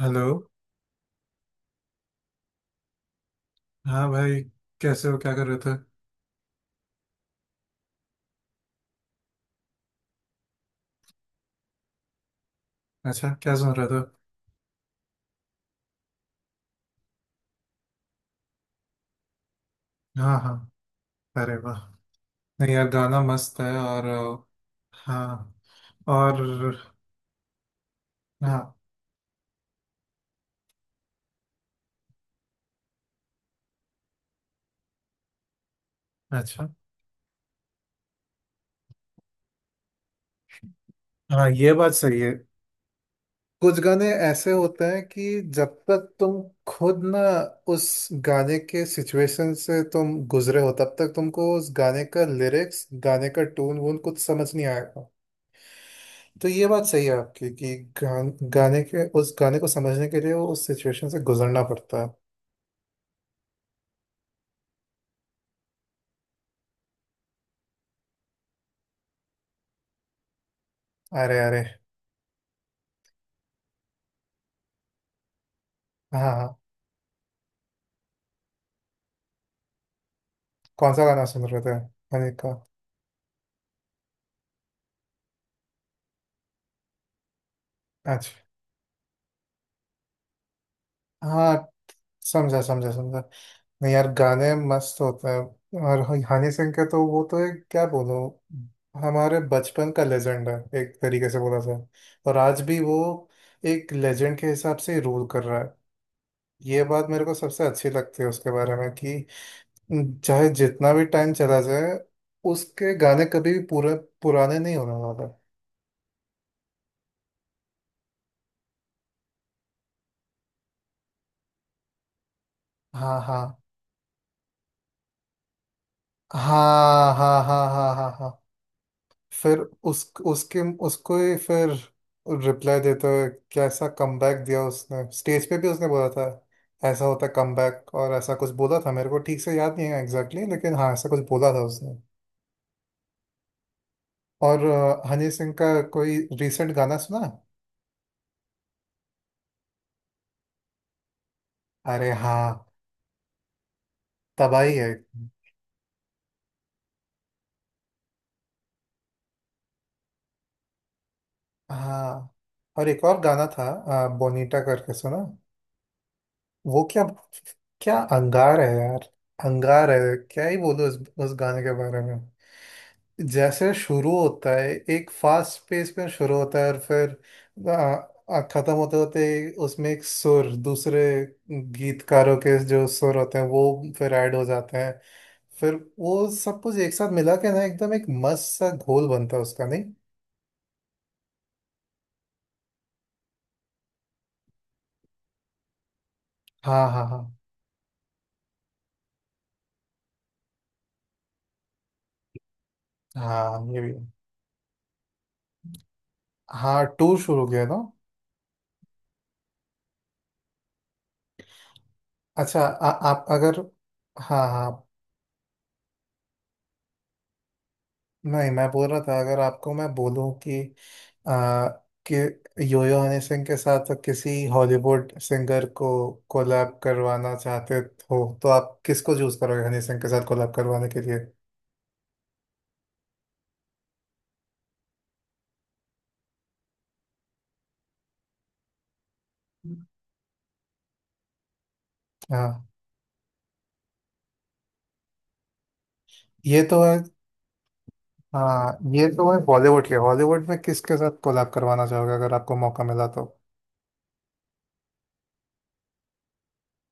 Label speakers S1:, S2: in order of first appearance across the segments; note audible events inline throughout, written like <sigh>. S1: Hello. हाँ भाई। कैसे हो, क्या कर रहे थे? अच्छा, क्या सुन रहे थे? हाँ हाँ। अरे वाह। नहीं यार, गाना मस्त है और हाँ। और हाँ। अच्छा। हाँ, ये बात सही है। कुछ गाने ऐसे होते हैं कि जब तक तुम खुद ना उस गाने के सिचुएशन से तुम गुजरे हो तब तक तुमको उस गाने का लिरिक्स, गाने का टून वून कुछ समझ नहीं आएगा। तो ये बात सही है आपकी कि गाने के, उस गाने को समझने के लिए वो उस सिचुएशन से गुजरना पड़ता है। अरे अरे। हाँ हाँ। कौन सा गाना सुन रहे थे? मैंने कहा। अच्छा। हाँ। समझा समझा समझा। नहीं यार, गाने मस्त होते हैं और हनी सिंह के तो वो तो एक क्या बोलूं, हमारे बचपन का लेजेंड है एक तरीके से बोला जाए। और आज भी वो एक लेजेंड के हिसाब से रूल कर रहा है। ये बात मेरे को सबसे अच्छी लगती है उसके बारे में कि चाहे जितना भी टाइम चला जाए, उसके गाने कभी भी पूरे पुराने नहीं होने वाले। हाँ हाँ हाँ हाँ हाँ हाँ हाँ हाँ। फिर उस उसके उसको ही फिर रिप्लाई देते हुए कैसा कमबैक दिया उसने, स्टेज पे भी उसने बोला था ऐसा होता कमबैक। और ऐसा कुछ बोला था, मेरे को ठीक से याद नहीं है एग्जैक्टली लेकिन हाँ ऐसा कुछ बोला था उसने। और हनी सिंह का कोई रिसेंट गाना सुना? अरे हाँ। तबाही है। हाँ। और एक और गाना था बोनीटा करके, सुना वो? क्या? क्या अंगार है यार। अंगार है, क्या ही बोलूं उस गाने के बारे में। जैसे शुरू होता है, एक फास्ट पेस में शुरू होता है और फिर आ, आ, खत्म होते होते उसमें एक सुर, दूसरे गीतकारों के जो सुर होते हैं वो फिर ऐड हो जाते हैं। फिर वो सब कुछ एक साथ मिला के ना एकदम एक मस्त सा घोल बनता है उसका, नहीं? हाँ हाँ हाँ हाँ, ये भी है। हाँ, टूर शुरू किया था। अच्छा, आप अगर, हाँ हाँ। नहीं, मैं बोल रहा था अगर आपको मैं बोलूं कि आ, कि योयो हनी सिंह के साथ किसी हॉलीवुड सिंगर को कोलैब करवाना चाहते हो तो आप किसको चूज करोगे हनी सिंह के साथ कोलैब करवाने के लिए? हाँ ये तो है। हाँ ये तो है। बॉलीवुड के हॉलीवुड में किसके साथ कोलैब करवाना चाहोगे अगर आपको मौका मिला तो?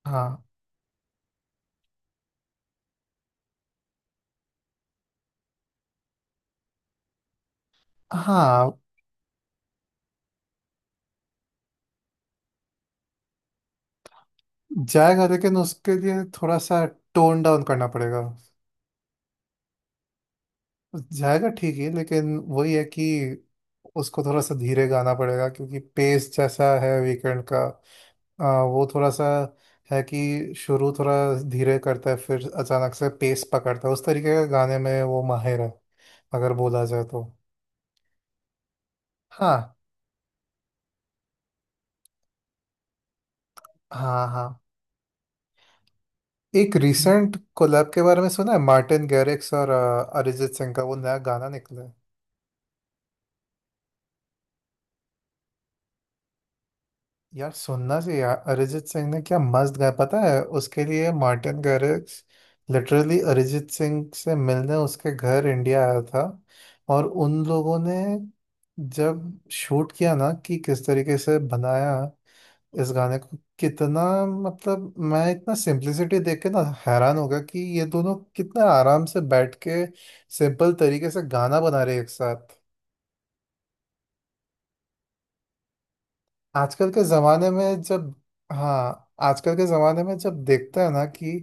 S1: हाँ हाँ, जाएगा लेकिन उसके लिए थोड़ा सा टोन डाउन करना पड़ेगा। जाएगा ठीक ही लेकिन वही है कि उसको थोड़ा सा धीरे गाना पड़ेगा क्योंकि पेस जैसा है वीकेंड का, वो थोड़ा सा है कि शुरू थोड़ा धीरे करता है फिर अचानक से पेस पकड़ता है। उस तरीके का गाने में वो माहिर है अगर बोला जाए तो। हाँ हाँ हाँ। एक रिसेंट कोलैब के बारे में सुना है, मार्टिन गैरिक्स और अरिजीत सिंह का वो नया गाना निकला है। यार सुनना चाहिए यार, अरिजीत सिंह ने क्या मस्त गाया पता है। उसके लिए Martin Garrix literally Arijit Singh से मिलने उसके घर इंडिया आया था। और उन लोगों ने जब शूट किया ना, कि किस तरीके से बनाया इस गाने को, कितना मतलब मैं इतना सिंप्लिसिटी देख के ना हैरान हो गया कि ये दोनों कितना आराम से बैठ के सिंपल तरीके से गाना बना रहे हैं एक साथ। आजकल के जमाने में जब, हाँ आजकल के जमाने में जब देखता है ना कि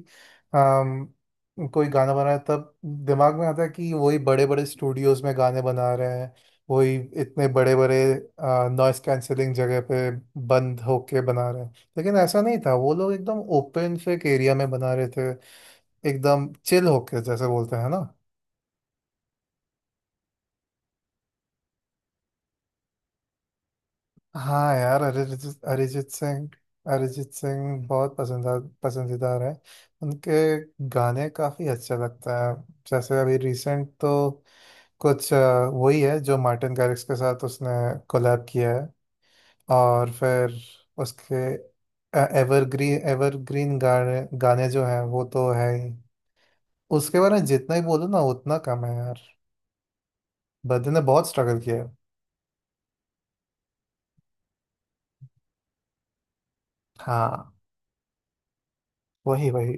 S1: कोई गाना बना है तब दिमाग में आता है कि वही बड़े बड़े स्टूडियोज में गाने बना रहे हैं। वही इतने बड़े बड़े नॉइस कैंसलिंग जगह पे बंद होके बना रहे हैं। लेकिन ऐसा नहीं था, वो लोग एकदम ओपन फेक एरिया में बना रहे थे एकदम चिल होके जैसे बोलते हैं ना। हाँ यार, अरिजीत अरिजीत सिंह, अरिजीत सिंह बहुत पसंदा पसंदीदार है, उनके गाने काफ़ी अच्छे लगता है। जैसे अभी रिसेंट तो कुछ वही है जो मार्टिन गारिक्स के साथ उसने कोलैब किया है। और फिर उसके एवरग्रीन एवरग्रीन गाने गाने जो हैं वो तो है ही। उसके बारे में जितना ही बोलो ना उतना कम है यार। बंदे ने बहुत स्ट्रगल किया है। हाँ वही वही।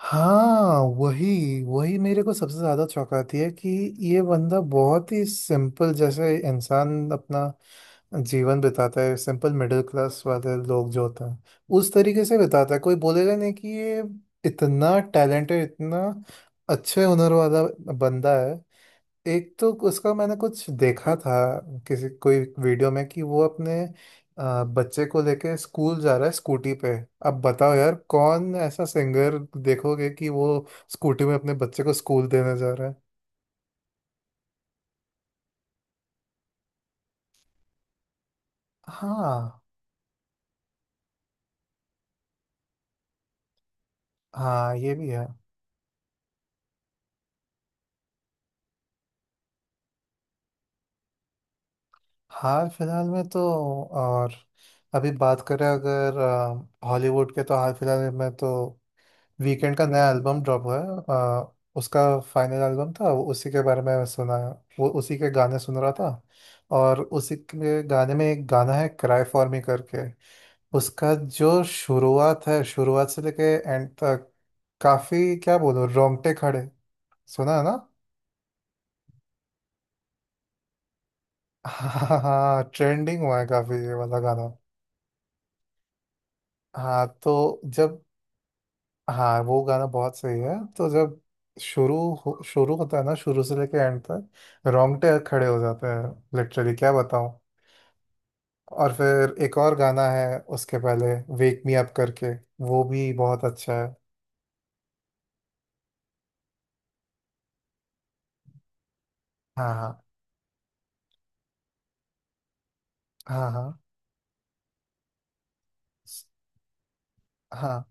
S1: हाँ वही वही, मेरे को सबसे ज्यादा चौंकाती है कि ये बंदा बहुत ही सिंपल जैसे इंसान अपना जीवन बिताता है। सिंपल मिडिल क्लास वाले लोग जो होते हैं उस तरीके से बिताता है। कोई बोलेगा नहीं कि ये इतना टैलेंटेड, इतना अच्छे हुनर वाला बंदा है। एक तो उसका मैंने कुछ देखा था किसी कोई वीडियो में कि वो अपने बच्चे को लेके स्कूल जा रहा है स्कूटी पे। अब बताओ यार, कौन ऐसा सिंगर देखोगे कि वो स्कूटी में अपने बच्चे को स्कूल देने जा रहा है। हाँ हाँ, ये भी है। हाल फिलहाल में तो और अभी बात करें अगर हॉलीवुड के तो, हाल फिलहाल में तो वीकेंड का नया एल्बम ड्रॉप हुआ है। उसका फाइनल एल्बम था वो, उसी के बारे में सुना। वो उसी के गाने सुन रहा था और उसी के गाने में एक गाना है क्राई फॉर मी करके। उसका जो शुरुआत है, शुरुआत से लेके एंड तक, काफी क्या बोलूं रोंगटे खड़े। सुना है ना? <laughs> हाँ हाँ, ट्रेंडिंग हुआ है काफी ये वाला गाना। हाँ तो जब, हाँ वो गाना बहुत सही है। तो जब शुरू शुरू होता है ना, शुरू से लेके एंड तक रोंगटे खड़े हो जाते हैं लिटरली क्या बताऊँ। और फिर एक और गाना है उसके पहले, वेक मी अप करके। वो भी बहुत अच्छा है। हाँ हाँ हाँ हाँ हाँ।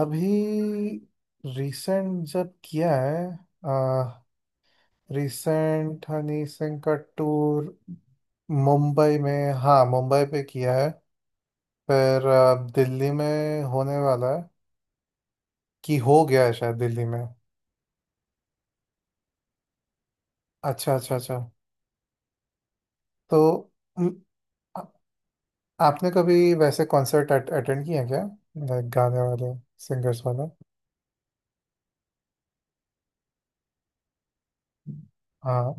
S1: अभी रिसेंट जब किया है रिसेंट हनी सिंह का टूर, मुंबई में। हाँ, मुंबई पे किया है। फिर दिल्ली में होने वाला है, कि हो गया है शायद दिल्ली में। अच्छा अच्छा अच्छा। तो म, आ- आपने कभी वैसे कॉन्सर्ट अटेंड किए हैं क्या? लाइक गाने वाले, सिंगर्स वाले। हाँ।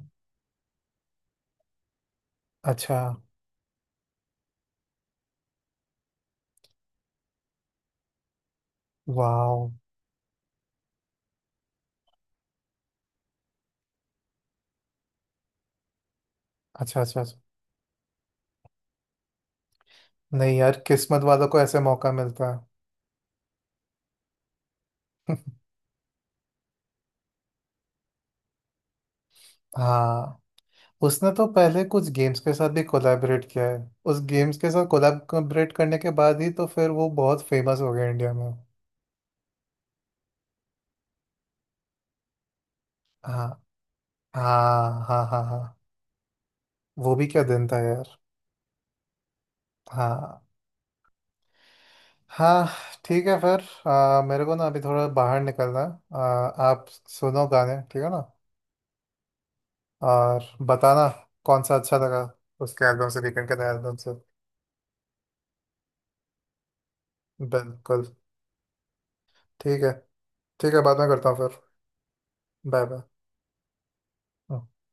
S1: अच्छा। वाओ। अच्छा अच्छा अच्छा। नहीं यार, किस्मत वालों को ऐसे मौका मिलता है। हाँ। उसने तो पहले कुछ गेम्स के साथ भी कोलैबोरेट किया है। उस गेम्स के साथ कोलैबोरेट करने के बाद ही तो फिर वो बहुत फेमस हो गया इंडिया में। हाँ हाँ हाँ हाँ हाँ। वो भी क्या दिन था यार। हाँ हाँ। ठीक है फिर, मेरे को ना अभी थोड़ा बाहर निकलना है। आप सुनो गाने, ठीक है ना? और बताना कौन सा अच्छा लगा, उसके एल्बम से, वीकेंड के एल्बम से। बिल्कुल। ठीक है। ठीक है बाद में करता हूँ फिर। बाय। बाय।